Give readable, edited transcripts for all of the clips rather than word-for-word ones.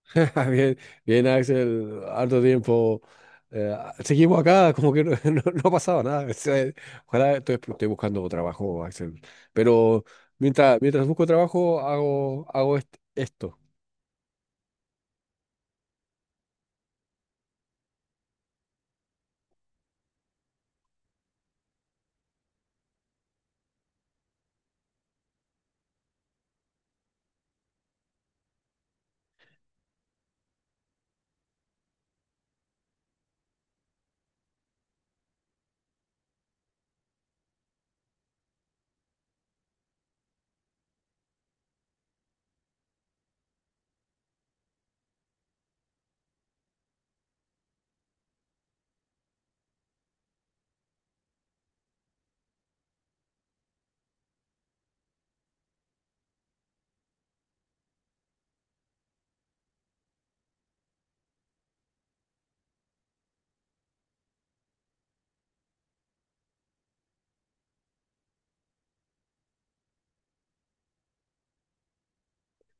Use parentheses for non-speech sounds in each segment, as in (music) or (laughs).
(laughs) Bien, bien, Axel, harto tiempo. Eh, Seguimos acá, como que no, (laughs) no ha pasado nada. O sea, ojalá estoy buscando trabajo, Axel. Pero mientras busco trabajo, hago esto.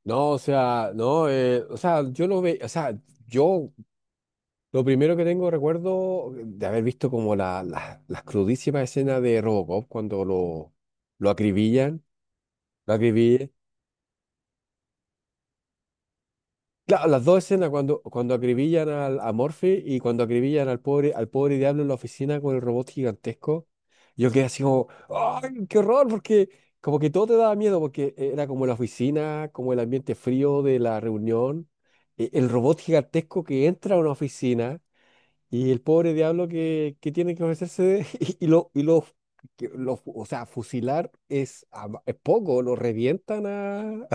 No, o sea, no, o sea, o sea, yo lo primero que tengo recuerdo de haber visto como las crudísimas escenas de Robocop cuando lo acribillan, lo acribillan. Claro, las dos escenas cuando acribillan a Morphy y cuando acribillan al pobre diablo en la oficina con el robot gigantesco. Yo quedé así como, ¡ay, qué horror! Porque como que todo te daba miedo, porque era como la oficina, como el ambiente frío de la reunión, el robot gigantesco que entra a una oficina y el pobre diablo que tiene que ofrecerse (laughs) o sea, fusilar es poco, lo revientan.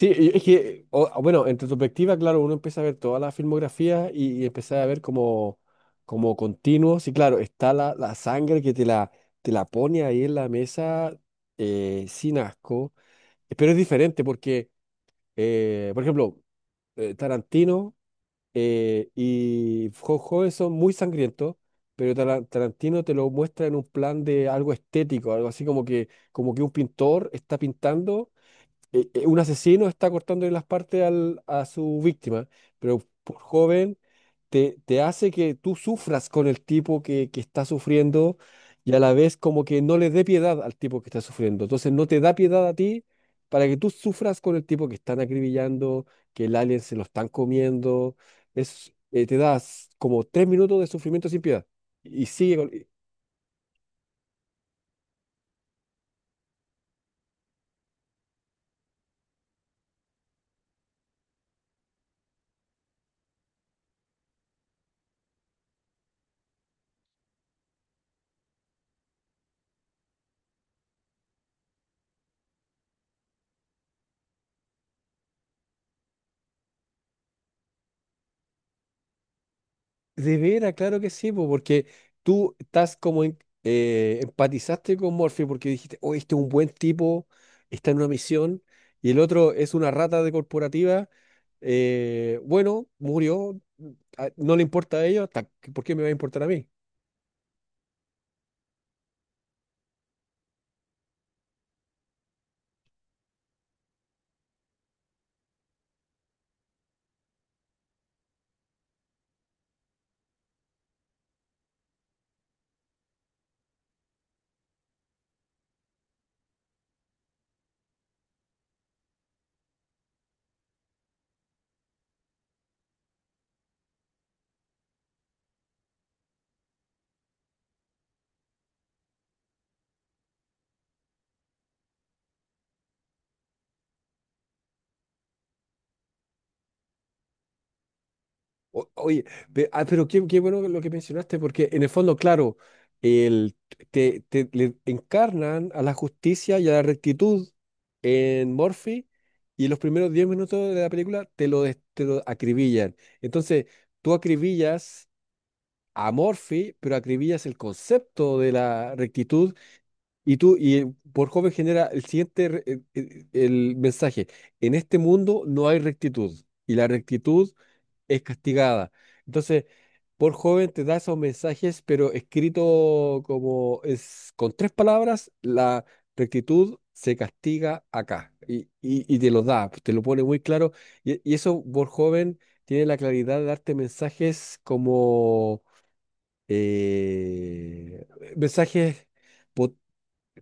Sí, y es que, bueno, en retrospectiva, claro, uno empieza a ver toda la filmografía y empieza a ver como continuos. Y claro, está la sangre que te la pone ahí en la mesa, sin asco. Pero es diferente porque, por ejemplo, Tarantino y Joven son muy sangrientos, pero Tarantino te lo muestra en un plan de algo estético, algo así como que un pintor está pintando, un asesino está cortándole las partes a su víctima. Pero por joven te hace que tú sufras con el tipo que está sufriendo, y a la vez como que no le dé piedad al tipo que está sufriendo. Entonces no te da piedad a ti para que tú sufras con el tipo que están acribillando, que el alien se lo están comiendo. Te das como 3 minutos de sufrimiento sin piedad. Y sigue. De veras, claro que sí, porque tú estás como empatizaste con Morphy porque dijiste, oh, este es un buen tipo, está en una misión, y el otro es una rata de corporativa. Bueno, murió, ah, no le importa a ellos, ¿por qué me va a importar a mí? Oye, pero qué bueno lo que mencionaste, porque en el fondo, claro, el, le encarnan a la justicia y a la rectitud en Murphy, y los primeros 10 minutos de la película te lo acribillan. Entonces, tú acribillas a Murphy, pero acribillas el concepto de la rectitud, y por joven genera el siguiente, re- el mensaje: en este mundo no hay rectitud. Y la rectitud es castigada. Entonces, por joven te da esos mensajes, pero escrito como es con tres palabras, la rectitud se castiga acá, y te lo da, te lo pone muy claro. Y eso, por joven, tiene la claridad de darte mensajes eh, mensajes pot-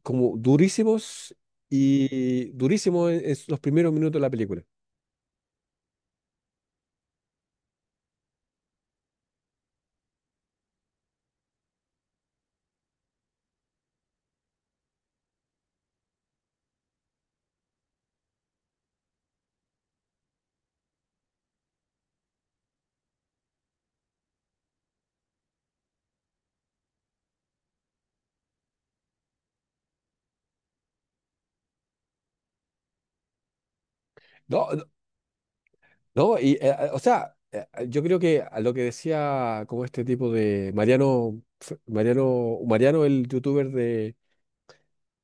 como durísimos, y durísimos en los primeros minutos de la película. No, no. O sea, yo creo que a lo que decía como este tipo de Mariano, Mariano, el youtuber de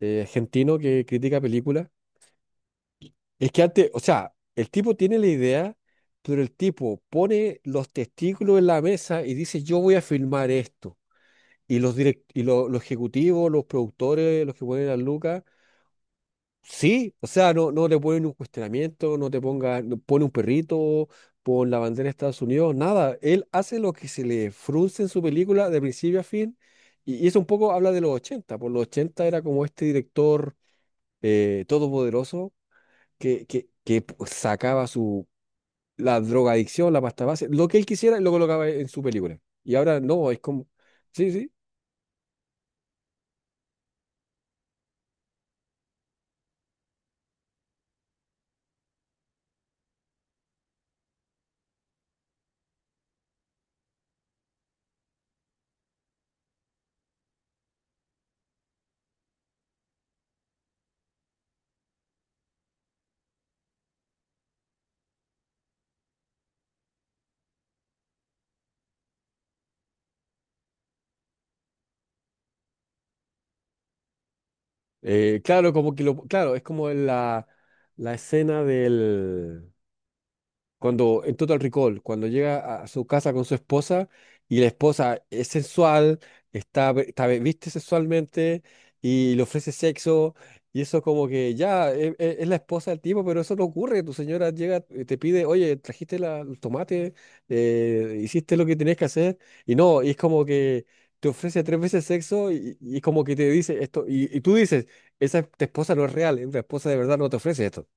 argentino que critica películas. Es que antes, o sea, el tipo tiene la idea, pero el tipo pone los testículos en la mesa y dice, yo voy a filmar esto. Y los los ejecutivos, los productores, los que ponen a Lucas. Sí, o sea, no, no te ponen un cuestionamiento, no pone un perrito, pon la bandera de Estados Unidos, nada. Él hace lo que se le frunce en su película de principio a fin. Y eso un poco habla de los 80. Por los 80 era como este director todopoderoso que sacaba su, la drogadicción, la pasta base, lo que él quisiera y lo colocaba en su película. Y ahora no, es como, sí, sí, claro, claro, es como la escena del... Cuando en Total Recall, cuando llega a su casa con su esposa, y la esposa es sensual, viste sexualmente y le ofrece sexo, y eso como que ya es, la esposa del tipo, pero eso no ocurre. Tu señora llega y te pide, oye, trajiste los tomates. Hiciste lo que tenías que hacer, y no, y es como que te ofrece tres veces sexo, y es como que te dice esto, y tú dices, tu esposa no es real. Una esposa de verdad no te ofrece esto.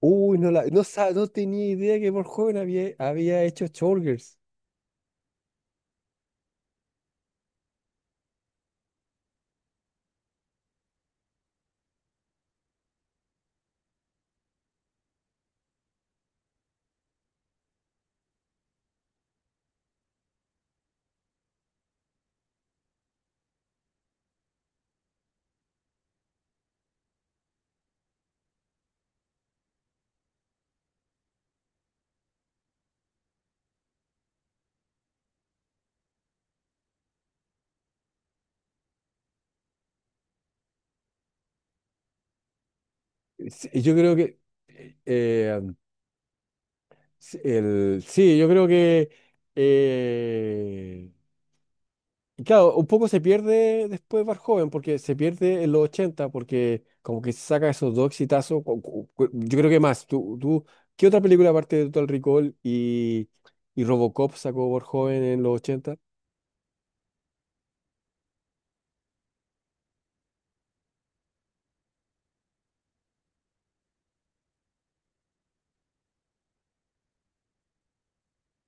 Uy, no, la, no, sa- no tenía idea que por joven había hecho Showgirls. Sí, eh, yo creo que eh, y claro, un poco se pierde después Bar Joven, porque se pierde en los 80 porque como que saca esos dos exitazos. Yo creo que más. ¿Qué otra película aparte de Total Recall y Robocop sacó Bar Joven en los ochenta?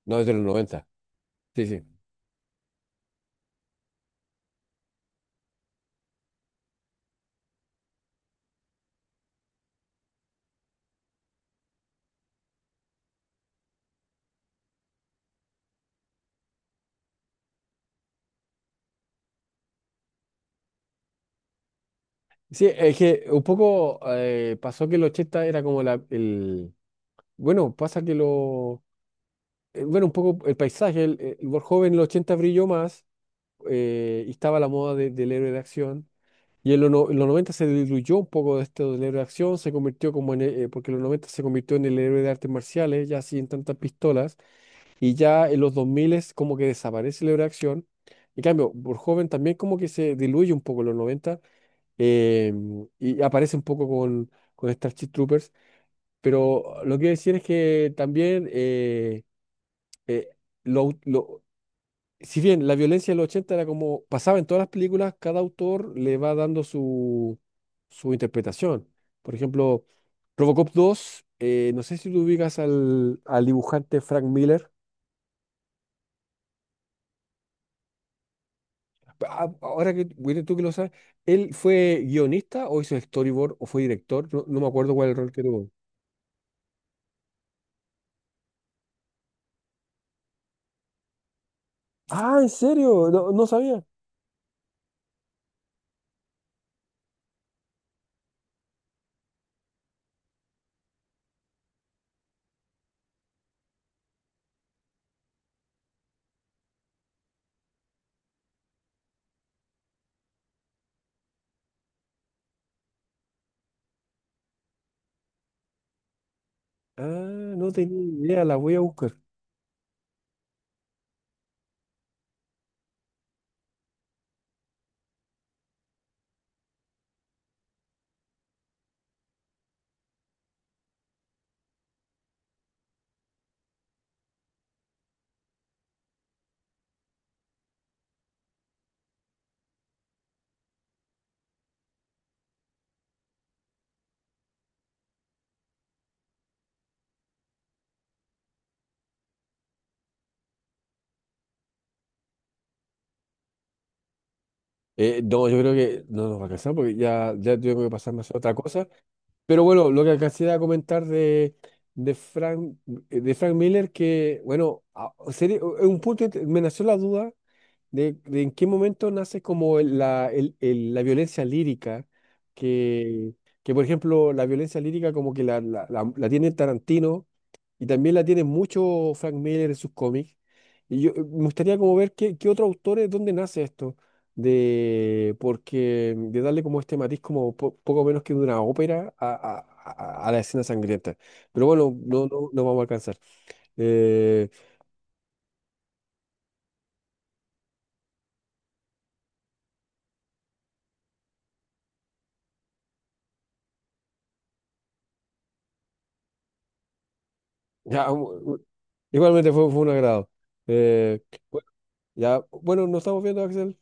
No, es de los noventa. Sí, sí. Sí, es que un poco pasó que el 80 era como el... Bueno, pasa que lo... Bueno, un poco el paisaje, el World joven en los 80 brilló más, y estaba la moda del héroe de acción. Y en, los no- en los 90 se diluyó un poco de esto del héroe de acción, se convirtió como en... porque en los 90 se convirtió en el héroe de artes marciales, ya sin tantas pistolas. Y ya en los 2000 es como que desaparece el héroe de acción. En cambio, World joven también como que se diluye un poco en los noventa, eh, y aparece un poco con Starship Troopers, pero lo que quiero decir es que también, eh, lo, lo- si bien la violencia de los 80 era como pasaba en todas las películas, cada autor le va dando su interpretación. Por ejemplo, Robocop 2. No sé si tú ubicas al dibujante Frank Miller. Ah, ahora que, William, tú que lo sabes, ¿él fue guionista o hizo storyboard o fue director? No, no me acuerdo cuál es el rol que tuvo. Ah, ¿en serio? No, no sabía. Ah, no tenía idea, la voy a buscar. No, yo creo que no nos va a alcanzar porque ya tengo que pasarme a hacer otra cosa. Pero bueno, lo que alcancé a comentar de Frank, de Frank Miller, que bueno, es un punto. Me nació la duda: de en qué momento nace como la violencia lírica? Que, por ejemplo, la violencia lírica como que la tiene Tarantino, y también la tiene mucho Frank Miller en sus cómics. Y yo me gustaría como ver qué otros autores, dónde nace esto, de, porque, de darle como este matiz como poco menos que de una ópera a la escena sangrienta. Pero bueno, no, no, no vamos a alcanzar. Eh, ya, igualmente fue un agrado. Eh, (laughs) bueno, ya, bueno, nos estamos viendo, Axel.